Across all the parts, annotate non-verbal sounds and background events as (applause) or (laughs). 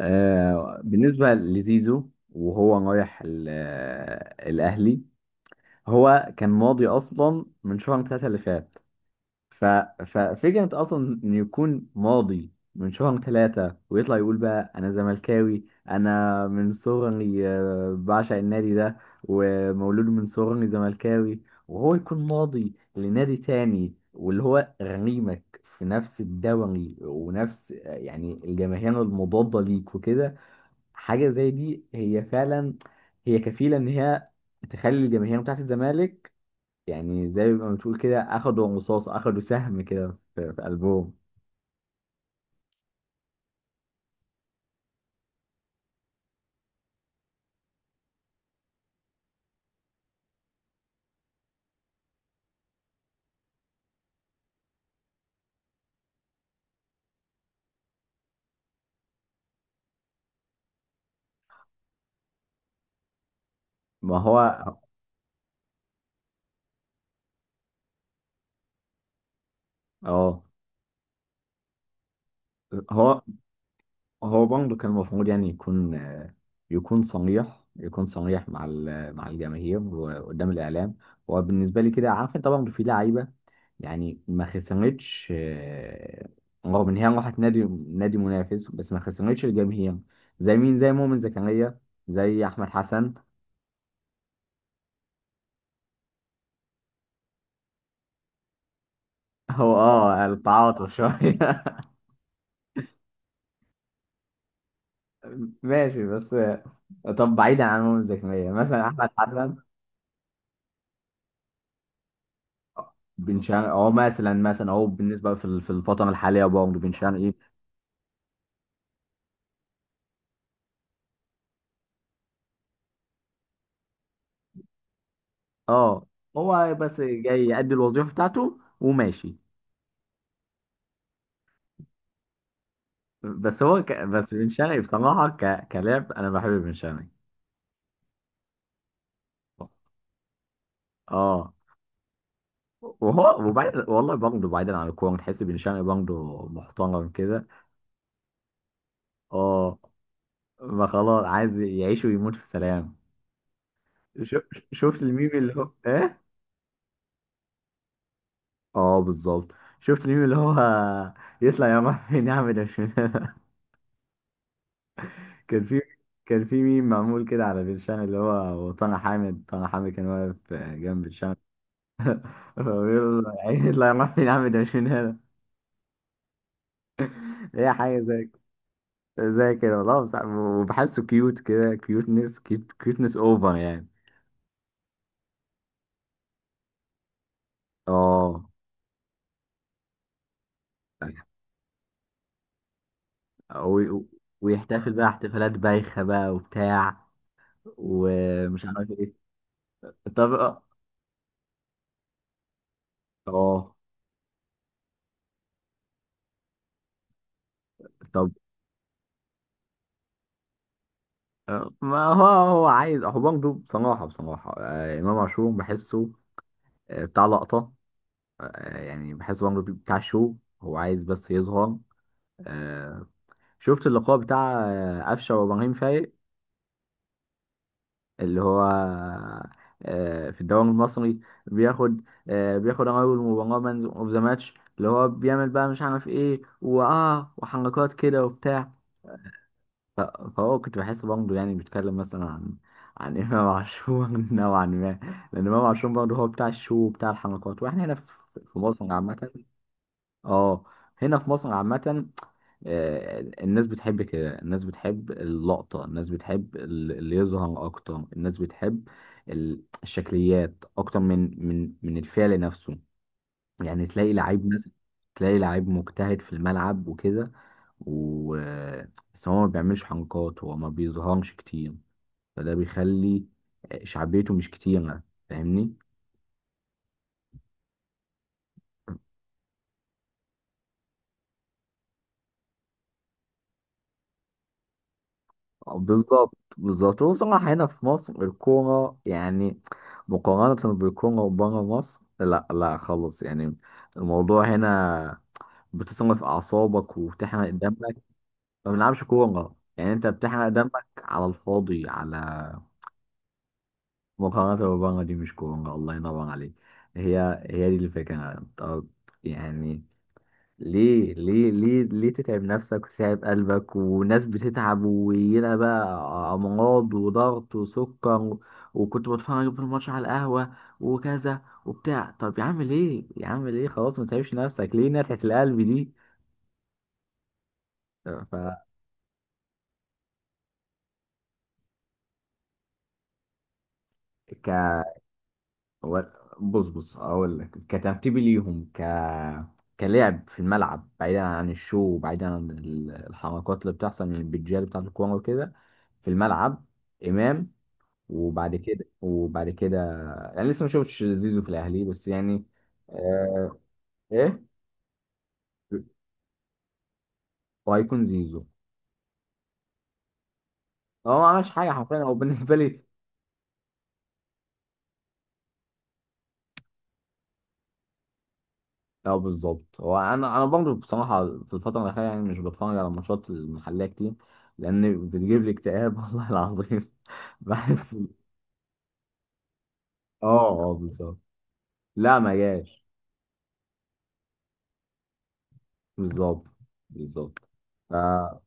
بالنسبة لزيزو وهو رايح الأهلي. هو كان ماضي أصلا من شهر ثلاثة اللي فات. ف- ففكرة أصلا إنه يكون ماضي من شهر ثلاثة ويطلع يقول بقى أنا زملكاوي. أنا من صغري بعشق النادي ده، ومولود من صغري زملكاوي، وهو يكون ماضي لنادي تاني واللي هو غريمك في نفس الدوري ونفس يعني الجماهير المضادة ليك وكده. حاجة زي دي هي فعلا، هي كفيلة إن هي تخلي الجماهير بتاعت الزمالك، يعني زي ما بتقول كده أخدوا رصاص، أخدوا سهم كده في قلبهم. ما هو اه. هو هو برضه كان المفروض يعني يكون يكون صريح، يكون صريح مع مع الجماهير وقدام الاعلام. هو بالنسبه لي كده عارف انت برضه في لعيبه يعني ما خسرتش، رغم ان هي راحت نادي منافس، بس ما خسرتش الجماهير، زي مين، زي مؤمن زكريا، زي احمد حسن. (laughs) هو اه، التعاطف شويه. (laughs) ماشي، بس طب بعيدا عن مؤمن زكريا مثلا احمد حسن. بن شرقي، هو مثلا هو بالنسبه في الفتره الحاليه برضه بن شرقي. اه هو بس جاي يأدي الوظيفة بتاعته وماشي. بس بن شرقي بصراحة كلاعب أنا بحب بن شرقي. اه وهو وبعد والله برضه بعيدا عن الكورة، تحس بن شرقي برضه محترم كده. اه، ما خلاص عايز يعيش ويموت في سلام. شو... شفت الميم اللي هو ايه؟ اه بالظبط، شفت الميم اللي هو يطلع يا عم نعمل ده. كان في كان في ميم معمول كده على بير شان، اللي هو وطنع حامد، طنع حامد كان واقف جنب بير شان. (laughs) فبيقول له يا عيني الله، يروح فين يا عم ده مش من هنا. هي حاجة زي كده والله، بس- وبحسه كيوت كده، كيوتنس اوفر يعني. اه و- ويحتفل بقى احتفالات بايخة بقى وبتاع ومش عارف ايه. طب اه، آه. طب ما هو هو عايز، هو برضه بصراحة بصراحة، إمام عاشور بحسه بتاع لقطة، يعني بحس عمرو دياب بتاع شو، هو عايز بس يظهر. آه، شفت اللقاء بتاع أفشة وإبراهيم فايق، اللي هو في الدوري المصري، بياخد بياخد أول مباراة مان أوف ذا ماتش، اللي هو بيعمل بقى مش عارف إيه وآه وحركات كده وبتاع. ف- فهو كنت بحس برضه يعني بيتكلم مثلا عن عن إمام عاشور (laughs) نوعا ما، لأن إمام عاشور برضه هو بتاع الشو وبتاع الحركات، وإحنا هنا في في مصر عامة. اه، هنا في مصر عامة. الناس بتحب كده، الناس بتحب اللقطة، الناس بتحب اللي يظهر أكتر، الناس بتحب الشكليات أكتر من الفعل نفسه. يعني تلاقي لعيب مثلا، تلاقي لعيب مجتهد في الملعب وكده، و بس هو ما بيعملش حنكات، هو ما بيظهرش كتير، فده بيخلي شعبيته مش كتيرة. فاهمني. بالظبط بالظبط، هو بصراحة هنا في مصر الكورة يعني مقارنة بالكورة بره مصر لا لا خالص يعني. الموضوع هنا بتصرف أعصابك وبتحرق دمك. ما بنلعبش كورة، يعني أنت بتحرق دمك على الفاضي، على مقارنة بره دي مش كورة، الله ينور عليك. هي هي دي الفكرة. طب يعني ليه ليه ليه ليه تتعب نفسك وتتعب قلبك، وناس بتتعب ويلا بقى أمراض وضغط وسكر وكنت بتفرج في الماتش على القهوة وكذا وبتاع. طب يا عم ليه، يا عم ليه، خلاص ما تتعبش نفسك، ليه نتعة القلب دي؟ ف ك و- بص بص، أقول لك كترتيبي ليهم، كلعب في الملعب بعيدا عن الشو وبعيدا عن الحركات اللي بتحصل من البتجال بتاعة الكورة وكده، في الملعب إمام. وبعد كده وبعد كده، يعني لسه ما شفتش زيزو في الاهلي بس يعني. آه ايه، وهيكون زيزو. هو ما عملش حاجه حرفيا، هو بالنسبه لي. اه بالظبط، هو انا برضه بصراحه في الفتره الاخيره يعني مش بتفرج على ماتشات المحليه كتير، لان بتجيب لي اكتئاب (laughs) والله العظيم. بحس اه اه بالظبط. لا ما جاش. بالظبط بالظبط. فا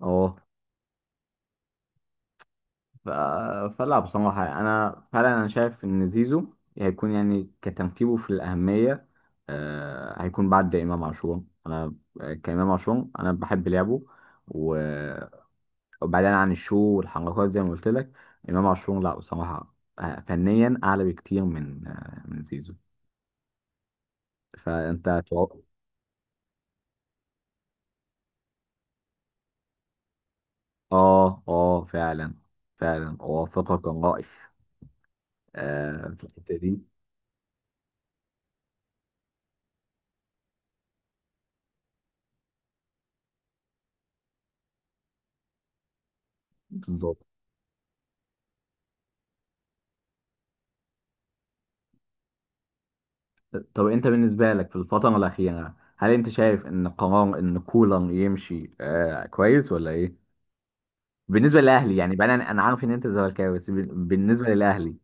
اه ف... فلا بصراحة يعني أنا فعلا أنا شايف إن زيزو هيكون يعني كترتيبه في الأهمية، آه هيكون بعد إمام عاشور أنا. كإمام عاشور أنا بحب لعبه، و- وبعيدا عن الشو والحركات زي ما قلت لك. إمام عاشور لا بصراحة فنيا أعلى بكتير من من زيزو. فأنت تو- آه آه فعلا، فعلا أوافقك الرأي. آه في الحتة دي بالظبط. طب انت بالنسبة لك في الفترة الأخيرة، هل انت شايف ان قرار ان كولر يمشي آه كويس ولا ايه؟ بالنسبة للأهلي يعني بقى، انا أنا عارف ان انت زملكاوي بس بالنسبة للأهلي.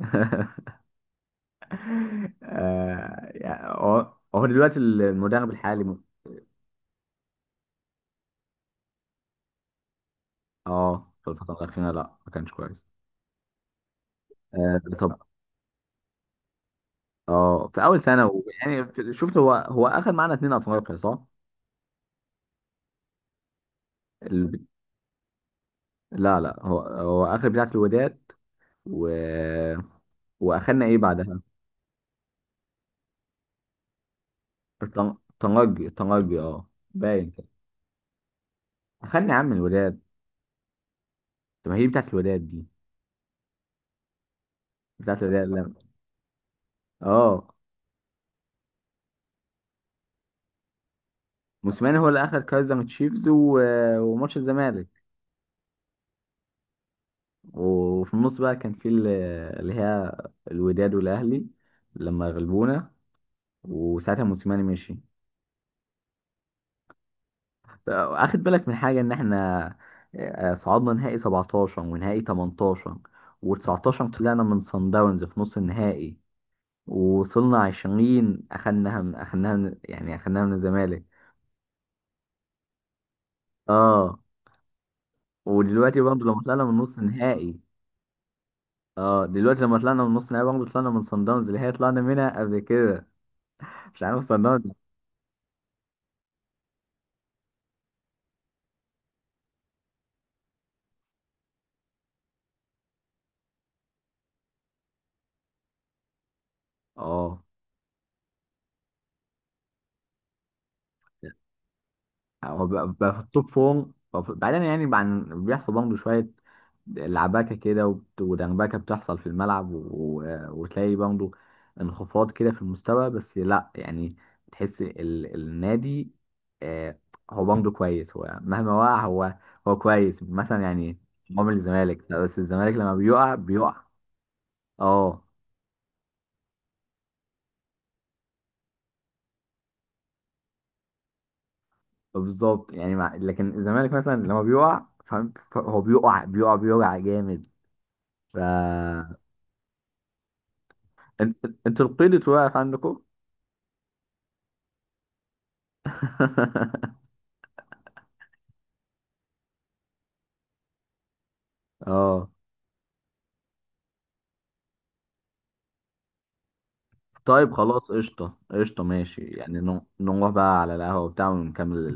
(laughs) آه يعني هو دلوقتي المدرب الحالي اه في الفترة الأخيرة لا ما كانش كويس. آه طب اه في أول سنة شفت، هو أخذ معانا اتنين أفريقيا صح؟ ال... لا لا، هو أخذ بتاعة الوداد و... وأخدنا ايه بعدها؟ طنجي طنجي اه باين كده. اخدني يا عم الولاد. طب ما هي بتاعت الولاد دي، بتاعت الولاد لا. اه موسيماني هو اللي اخد كايزر من تشيفز وماتش الزمالك. وفي النص بقى كان اللي هي الوداد والاهلي لما غلبونا، وساعتها موسيماني مشي. اخد بالك من حاجه ان احنا صعدنا نهائي 17 ونهائي 18، و19 طلعنا من صن داونز في نص النهائي، ووصلنا 20 اخدناها من اخدناها من يعني اخدناها من الزمالك. اه ودلوقتي برضه لما طلعنا من نص نهائي. اه دلوقتي لما طلعنا من نص نهائي برضه طلعنا من صن داونز، اللي هي طلعنا منها قبل كده مش عارف صن داونز. اه هو بقى في التوب فورم بقى بعيدا يعني عن بيحصل برضه شوية لعبكة كده وبت- ودنبكة بتحصل في الملعب و... و- وتلاقي برضه انخفاض كده في المستوى، بس لا يعني تحس النادي آه هو برضه كويس، هو مهما وقع هو، هو كويس مثلا يعني. عمر الزمالك لا، بس الزمالك لما بيقع بيقع. اه بالظبط يعني لكن الزمالك مثلا لما بيقع فاهم؟ هو بيقع بيقع بيقع جامد. ف انت انت القيد واقف عندكم. (laughs) اه طيب خلاص قشطة قشطة ماشي، يعني نروح بقى على القهوة وبتاع ونكمل.